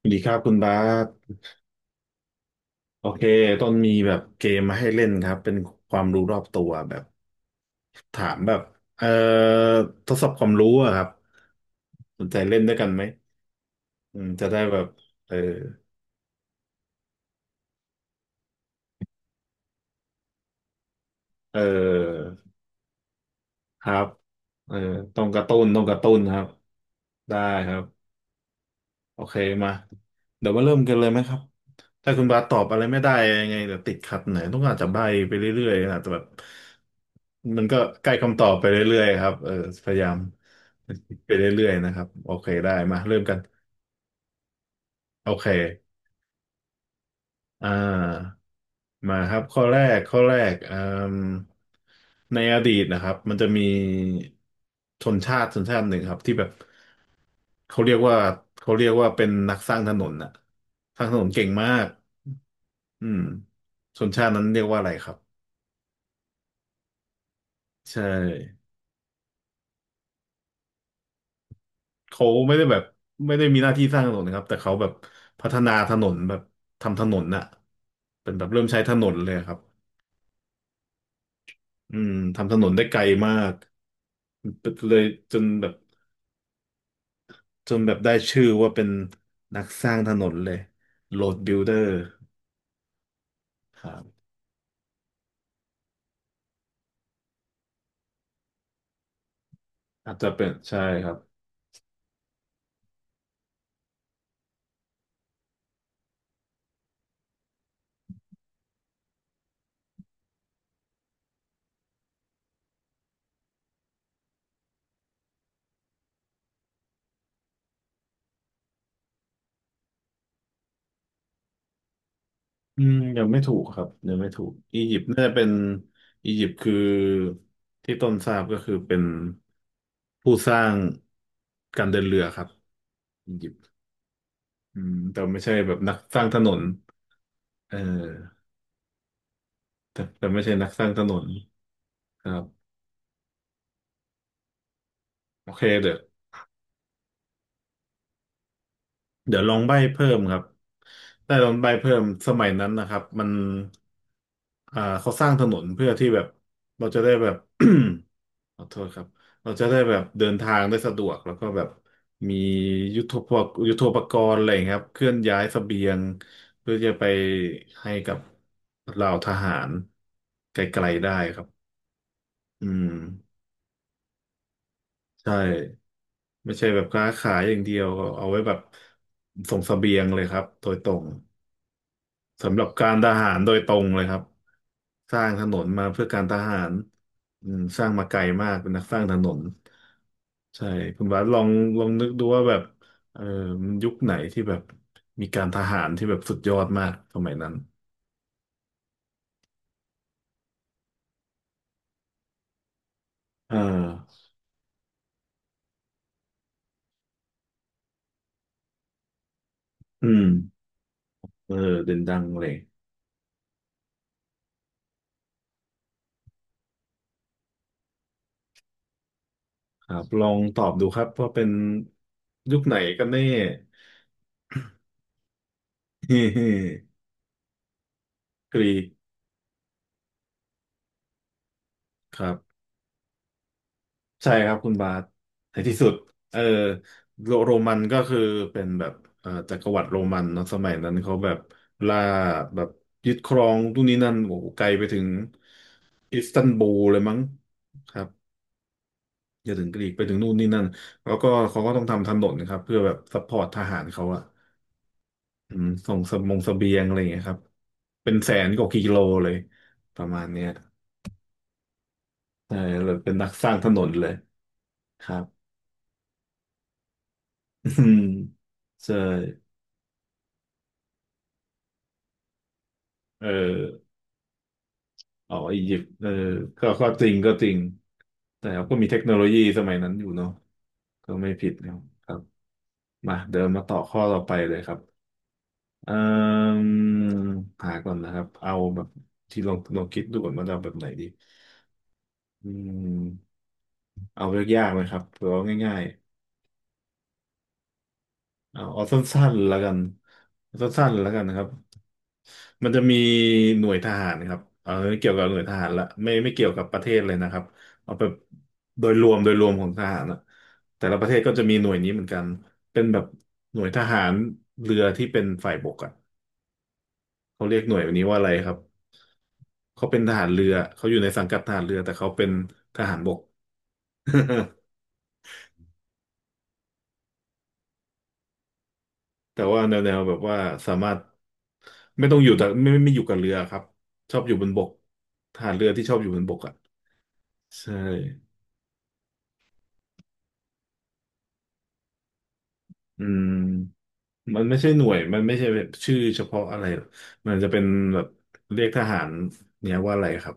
สวัสดีครับคุณบาสโอเคต้นมีแบบเกมมาให้เล่นครับเป็นความรู้รอบตัวแบบถามแบบเอ่อทดสอบความรู้อะครับสนใจเล่นด้วยกันไหมอืมจะได้แบบเออเออครับเออต้องกระตุ้นครับได้ครับ โอเคมาเดี๋ยวมาเริ่มกันเลยไหมครับถ้าคุณบาสตอบอะไรไม่ได้ยังไงเดี๋ยวติดขัดไหนอยต้องอาจจะใบ้ไปเรื่อยๆนะแต่แบบมันก็ใกล้คำตอบไปเรื่อยๆครับเออพยายามไปเรื่อยๆนะครับโอเคได้มาเริ่มกันโอเคอ่ามาครับข้อแรกอืมในอดีตนะครับมันจะมีชนชาติชนชาติหนึ่งครับที่แบบเขาเรียกว่าเขาเรียกว่าเป็นนักสร้างถนนน่ะสร้างถนนเก่งมาก อืมชนชาตินั้นเรียกว่าอะไรครับใช่เขาไม่ได้แบบไม่ได้มีหน้าที่สร้างถนนนะครับแต่เขาแบบพัฒนาถนนแบบทำถนนน่ะเป็นแบบเริ่มใช้ถนนเลยครับอืมทำถนนได้ไกลมากเลยจนแบบจนแบบได้ชื่อว่าเป็นนักสร้างถนนเลย Road Builder ครับอาจจะเป็นใช่ครับ อืมยังไม่ถูกครับยังไม่ถูกอียิปต์น่าจะเป็นอียิปต์คือที่ต้นทราบก็คือเป็นผู้สร้างการเดินเรือครับอียิปต์อืมแต่ไม่ใช่แบบนักสร้างถนนเออแต่ไม่ใช่นักสร้างถนนครับโอเคเดี๋ยวลองใบ้เพิ่มครับได้ลองใบ้เพิ่มสมัยนั้นนะครับมันอ่าเขาสร้างถนนเพื่อที่แบบเราจะได้แบบ ขอโทษครับ เราจะได้แบบเดินทางได้สะดวกแล้วก็แบบมียุทโธปกรณ์อะไรอย่างเงี้ยครับ เคลื่อนย้ายเสบียงเพื่อจะไปให้กับเหล่าทหารไกลๆได้ครับอืมใช่ไม่ใช่แบบค้าขายอย่างเดียวเอาไว้แบบส่งเสบียงเลยครับโดยตรง สำหรับการทหารโดยตรงเลยครับสร้างถนนมาเพื่อการทหารอืมสร้างมาไกลมากเป็นนักสร้างถนนใช่คุณบาสลองนึกดูว่าแบบเออมันยุคไหนที่แบบมีการทหารที่แบบสุดยอดมากสมัยนั้นอ่าอืมเออเด่นดังเลยครับลองตอบดูครับว่าเป็นยุคไหนกันแน่ กรีกครับ ใช่ครับคุณบาสในที่สุดเออโรมันก็คือเป็นแบบจักรวรรดิโรมันเนาะสมัยนั้นเขาแบบล่าแบบยึดครองทุกนนี้นั่นโอ้โหไกลไปถึงอิสตันบูลเลยมั้งครับอย่าถึงกรีกไปถึงนู่นนี่นั่นแล้วก็เขาก็ต้องทำถนนครับเพื่อแบบซัพพอร์ตทหารเขาอะอืมส่งสมงเสบียงอะไรอย่างเงี้ยครับเป็นแสนกว่ากิโลเลยประมาณเนี้ยใช่เลยเป็นนักสร้างถนนเลยครับ อืมใช่เออ อ๋ออียิปต์เออก็จริงแต่เขาก็มีเทคโนโลยีสมัยนั้นอยู่เนาะก็ไม่ผิดนะครับครับมาต่อข้อต่อไปเลยครับเอ่มหาก่อนนะครับเอาแบบที่ลองคิดดูก่อนว่าจะเอาแบบไหนดีอืมเอาเรื่องยากไหมครับหรือว่าง่าย เอาสั้นๆแล้วกันเอาสั้นๆแล้วกันนะครับมันจะมีหน่วยทหารครับเอาเกี่ยวกับหน่วยทหารละไม่เกี่ยวกับประเทศเลยนะครับเอาแบบโดยรวมของทหารอะแต่ละประเทศก็จะมีหน่วยนี้เหมือนกันเป็นแบบหน่วยทหารเรือที่เป็นฝ่ายบกอะเขาเรียกหน่วยนี้ว่าอะไรครับเขาเป็นทหารเรือเขาอยู่ในสังกัดทหารเรือแต่เขาเป็นทหารบก แต่ว่าแนวแบบว่าสามารถไม่ต้องอยู่แต่ไม่ไม่ไม่อยู่กับเรือครับชอบอยู่บนบกทหารเรือที่ชอบอยู่บนบกอ่ะใช่อืมมันไม่ใช่หน่วยมันไม่ใช่แบบชื่อเฉพาะอะไรหรอกมันจะเป็นแบบเรียกทหารเนี่ยว่าอะไรครับ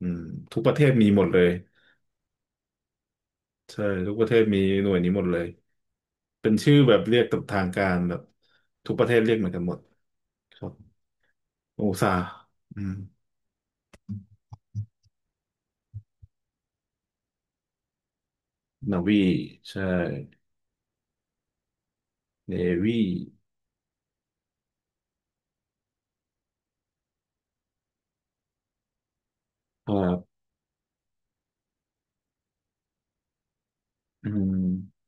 อืมทุกประเทศมีหมดเลยใช่ทุกประเทศมีหน่วยนี้หมดเลยเป็นชื่อแบบเรียกตามทางการแบบทุกประเทศเรียกเหมือนกันหมดครับโอซาอืมนาวีใช่เนวีอ่า อืม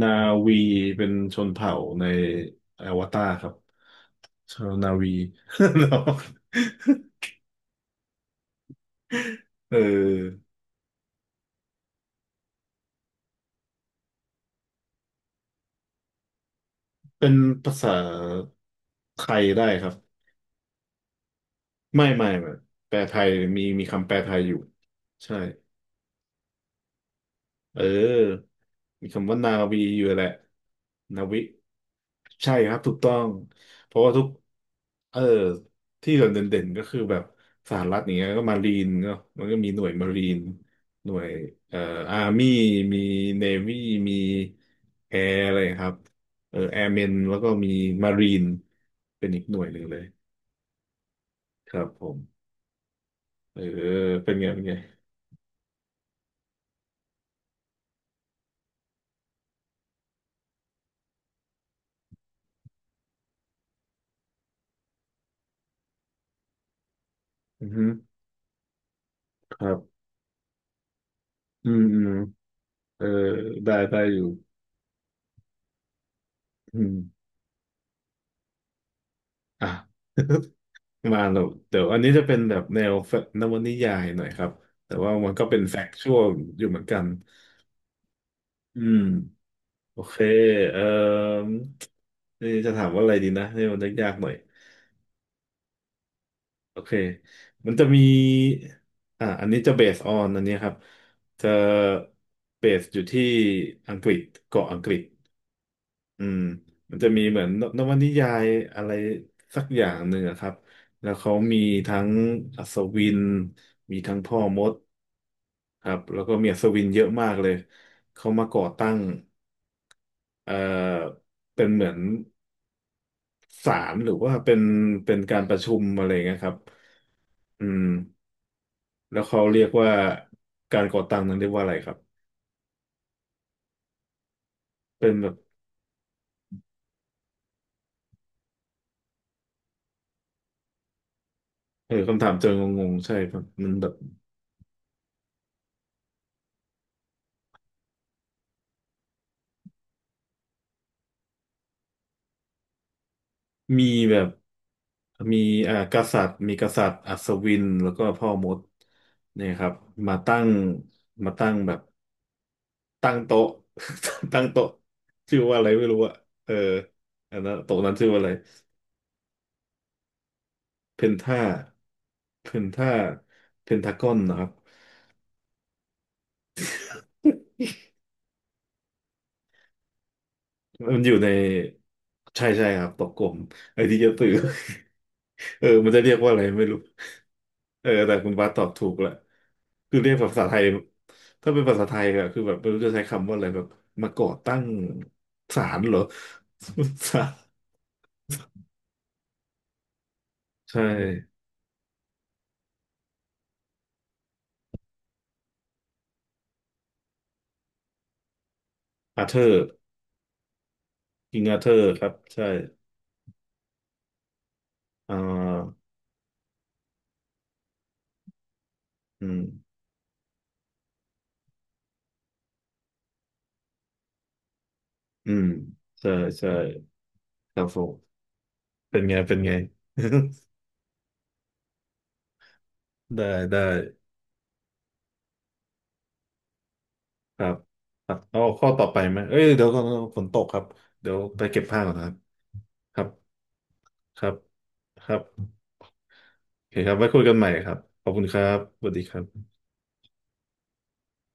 นาวีเป็นชนเผ่าในอวตารครับชาวนาวี เนาะเออเป็นภาษาไทยได้ครับไม่แปลไทยมีคำแปลไทยอยู่ใช่ เออ มีคำว่านาวีอยู่แหละนาวิใช่ครับถูกต้อง เพราะว่าทุกเออที่เราเด่นๆก็คือแบบสหรัฐอย่างเงี้ยก็มารีนเนาะมันก็มีหน่วยมารีน หน่วยเอ่ออาร์มี่มีเนวี่มีแอร์อะไรครับ เออแอร์เมนแล้วก็มีมารีนเป็นอีกหน่วยหนึ่งเลยครับผมเออเป็นไงเป็นไงอือฮึครับอืมเออได้อยู่อืม อ่ะ มาหนูเดี๋ยวอันนี้จะเป็นแบบแนวนวนิยายหน่อยครับแต่ว่ามันก็เป็นแฟกชวลอยู่เหมือนกันอืมโอเคเอ่อนี่จะถามว่าอะไรดีนะนี่มันยากๆหน่อยโอเคมันจะมีอ่าอันนี้จะเบสออนอันนี้ครับจะเบสอยู่ที่อังกฤษเกาะอังกฤษ อืมมันจะมีเหมือนนวนิยายอะไรสักอย่างหนึ่งอะครับแล้วเขามีทั้งอัศวินมีทั้งพ่อมดครับแล้วก็มีอัศวินเยอะมากเลยเขามาก่อตั้งเอ่อเป็นเหมือนศาลหรือว่าเป็นเป็นการประชุมอะไรเงี้ยครับอืมแล้วเขาเรียกว่าการก่อตั้งนั้นเรียกว่าอะไรครับเป็นแบบเออคำถามเจองงๆใช่ครับมันแบบ มีแบบมีอ่ากษัตริย์มีกษัตริย์อัศวินแล้วก็พ่อมดเนี่ยครับมาตั้งมาตั้งแบบตั้งโต๊ะ ตั้งโต๊ะชื่อว่าอะไรไม่รู้อะเอออันนั้นโต๊ะนั้นชื่อว่าอะไรเพนท่าเพนท่าเพนทากอนนะครับ มันอยู่ในใช่ใช่ครับตกกลมไอ้ที่จะตื่อ เออมันจะเรียกว่าอะไรไม่รู้เออแต่คุณบาสตอบถูกละคือเรียกภาษาไทยถ้าเป็นภาษาไทยอะคือแบบไม่รู้จะใช้คำว่าอะไรแบบมาก่อตั้งศาลเหรอ ศาลใช่อาเธอร์กิงอาเธอร์ครับใช่อ่าอืมอืมใช่ใช่ครับผมเป็นไงเป็นไง ได้ได้ ครับครับเอาข้อต่อไปไหมเอ้ยเดี๋ยวก่อนฝนตกครับ เดี๋ยวไปเก็บผ้าก่อนนะครับ ครับ ครับครับโอเคครับไว้คุยกันใหม่ครับ ขอบคุณครับสวัสดีครับ